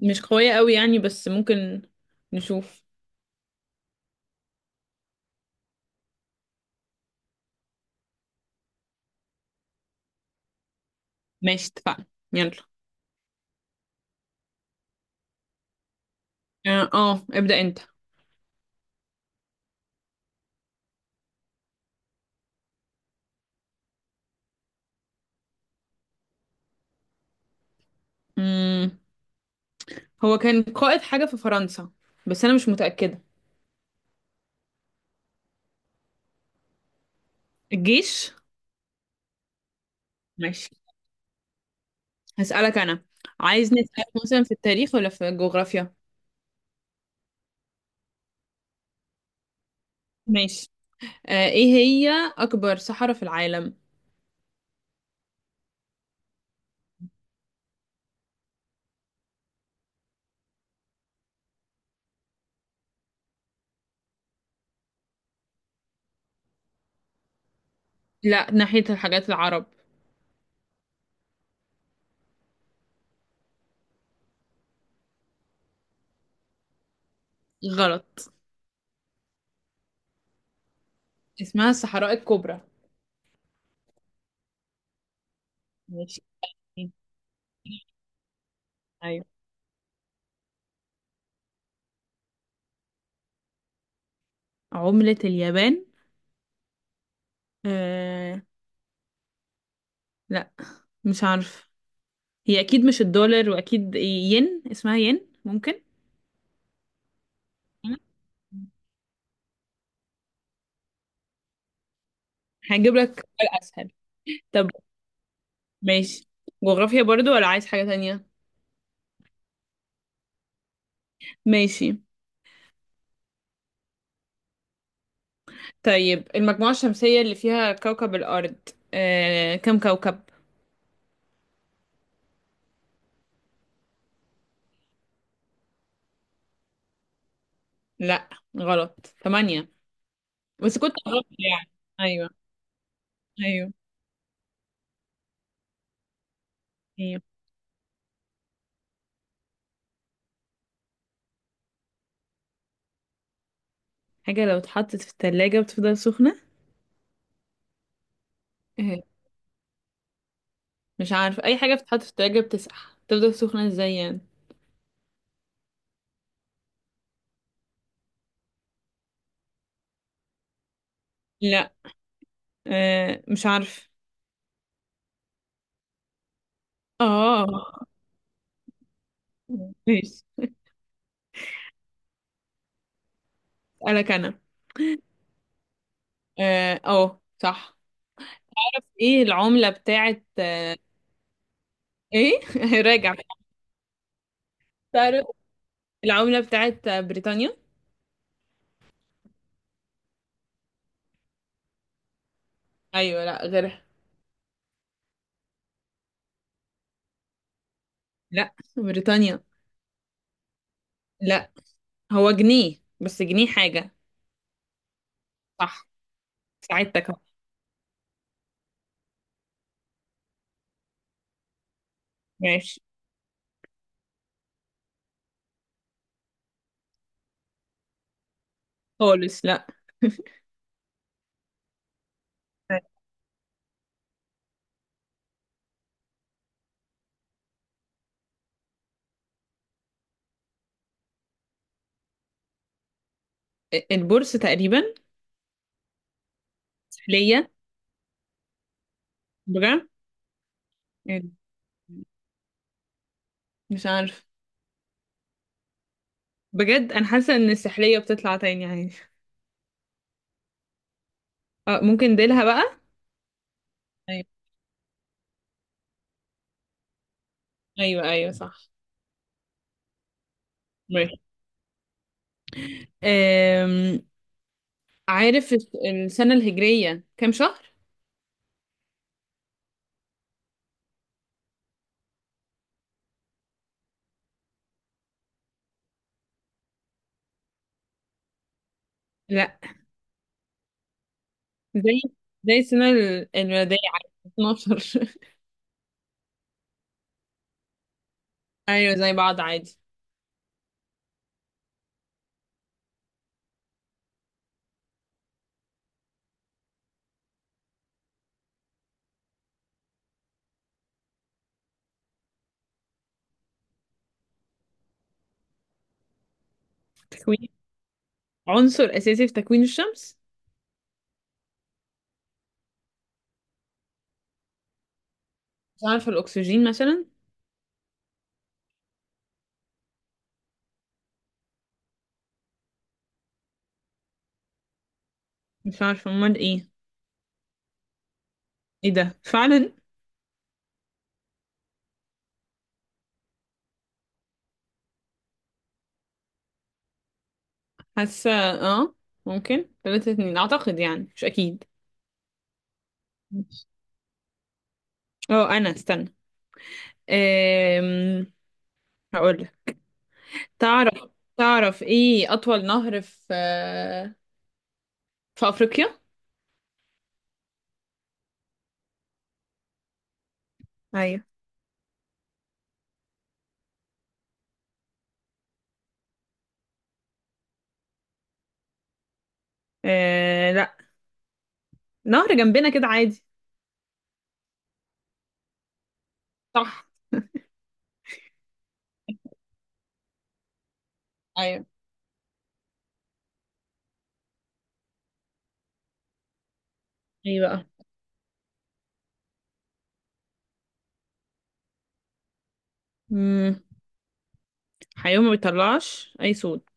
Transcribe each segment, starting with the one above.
مش قوية قوي يعني بس ممكن نشوف. ماشي، اتفقنا. يلا. اه، ابدأ انت. مم. هو كان قائد حاجة في فرنسا، بس انا مش متأكدة. الجيش. ماشي. هسألك انا. عايز نسألك مثلا في التاريخ ولا في الجغرافيا؟ ماشي. آه، ايه هي اكبر صحراء في العالم؟ لا، ناحية الحاجات العرب. غلط، اسمها الصحراء الكبرى. ماشي. ايوه. عملة اليابان. آه، لا، مش عارفة. هي اكيد مش الدولار، واكيد ين، اسمها ين ممكن. هجيب لك سؤال اسهل. طب ماشي. جغرافيا برضو ولا عايز حاجة تانية؟ ماشي. طيب المجموعة الشمسية اللي فيها كوكب الارض كم كوكب؟ لا غلط، ثمانية، بس كنت غلط يعني. ايوه. ايوه. ايوه. حاجة لو اتحطت في التلاجة بتفضل سخنة؟ آه، مش عارف، اي حاجة بتتحط في التلاجة بتسقع، تفضل سخنة ازاي يعني؟ لا، مش عارف. اه. ماشي. اسألك انا. اه أهو، صح. ايه العملة بتاعت؟ ايه راجع؟ تعرف؟ العملة بتاعت بريطانيا. ايوه، لا غيرها. لا، بريطانيا. لا، هو جنيه بس جنيه حاجة. صح. ساعدتك أهو. ماشي. خالص لا. البورصة تقريبا. سحلية. بجد، إيه، مش عارف. بجد انا حاسة ان السحلية بتطلع تاني عادي. اه ممكن ديلها بقى. ايوه. ايوه، ايوه، صح. ماشي. عارف السنة الهجرية كام شهر؟ لا. زي السنة الميلادية عادي، 12. أيوة زي بعض عادي. تكوين. عنصر أساسي في تكوين الشمس. مش عارفة، الأكسجين مثلا. مش عارفة أمال إيه؟ إيه ده، فعلا. حاسة آه. ممكن تلاتة اتنين أعتقد، يعني مش أكيد. اه أنا استنى. أم... هقولك. تعرف؟ تعرف إيه أطول نهر في في أفريقيا؟ ايوه. آه لا، نهر جنبنا كده عادي. صح. ايوه. ايه بقى؟ مم. حيوان ما بيطلعش اي صوت.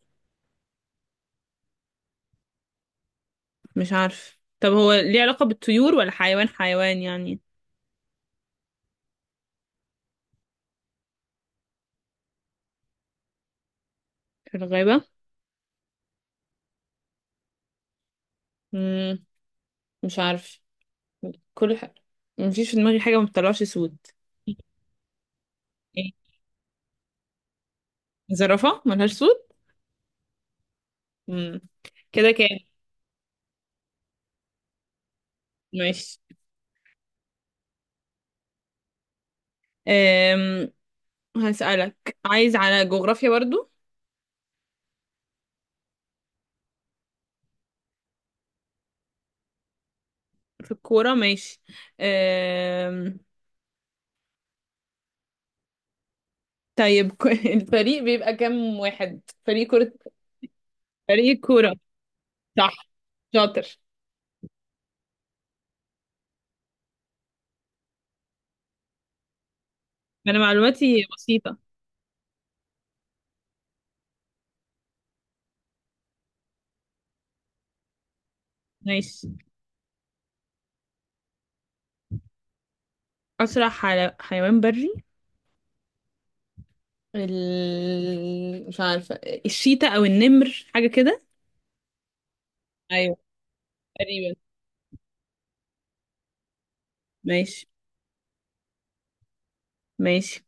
مش عارف، طب هو ليه علاقة بالطيور ولا حيوان حيوان يعني؟ في الغابة. مم. مش عارف. كل ح... مفيش في دماغي حاجة ما بتطلعش صوت. ايه؟ زرافة ملهاش صوت. مم. كده كام؟ ماشي. أم... هسألك. عايز على جغرافيا برضو؟ في الكورة ماشي. أم. طيب الفريق بيبقى كام واحد، فريق كرة؟ فريق كورة. صح. شاطر. انا معلوماتي بسيطة. ماشي. اسرع حيوان بري. مش عارفة، الشيتا او النمر حاجة كده. ايوه، تقريبا. ماشي. ماشي.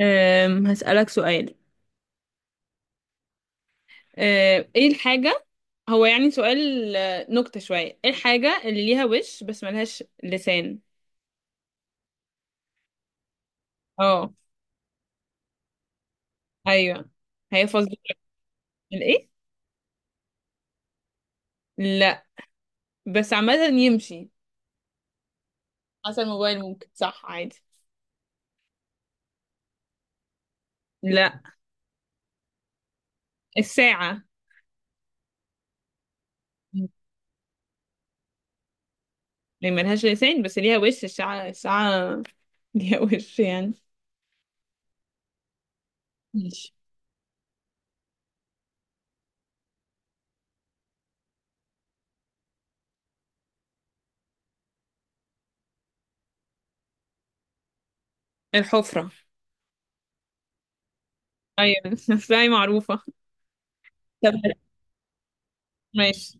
هسألك سؤال. أم، ايه الحاجة؟ هو يعني سؤال نكتة شوية. ايه الحاجة اللي ليها وش بس ملهاش لسان؟ اه. ايوه. هي فزة. الايه؟ لا. بس عامة يمشي، حسب الموبايل ممكن صح عادي. لا. الساعة. يعني ملهاش لسان بس ليها وش، الساعة الساعة. ليها وش يعني. ماشي. الحفرة. أيوة الساعة معروفة. طب ماشي.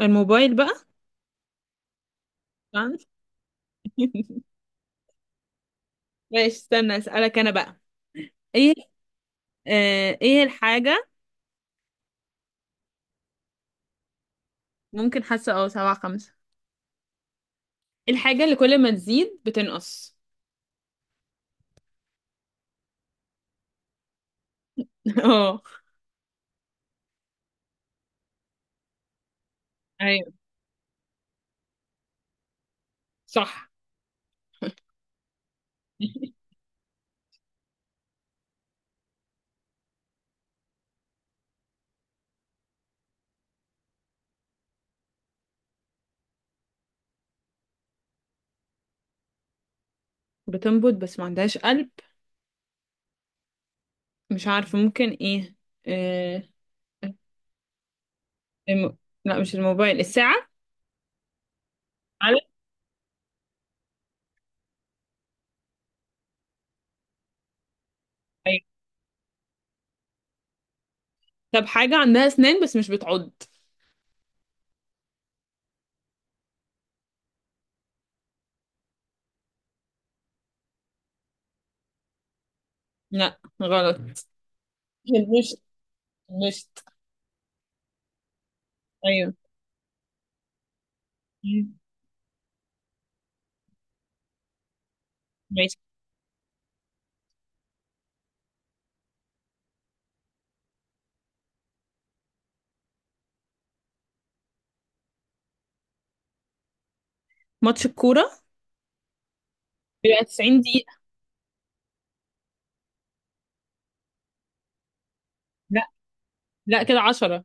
الموبايل بقى. طبعاً. ماشي استنى أسألك أنا بقى. إيه؟ آه إيه الحاجة؟ ممكن، حاسة أه سبعة خمسة. إيه الحاجة اللي كل ما تزيد بتنقص؟ اه. أيوة. صح. بتنبض بس ما عندهاش قلب. مش عارفة، ممكن إيه؟ آه. الم... لا، مش الموبايل، الساعة. على. طب حاجة عندها أسنان بس مش بتعض. لا غلط. المشط. المشط. أيوه. مم. ماشي. ماتش الكورة بيبقى 90 دقيقة. لا، لا كده 10.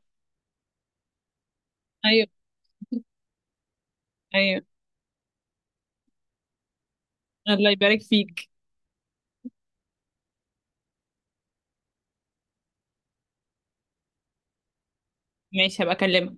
أيوه. أيوه. الله يبارك فيك. ماشي، هبقى أكلمك.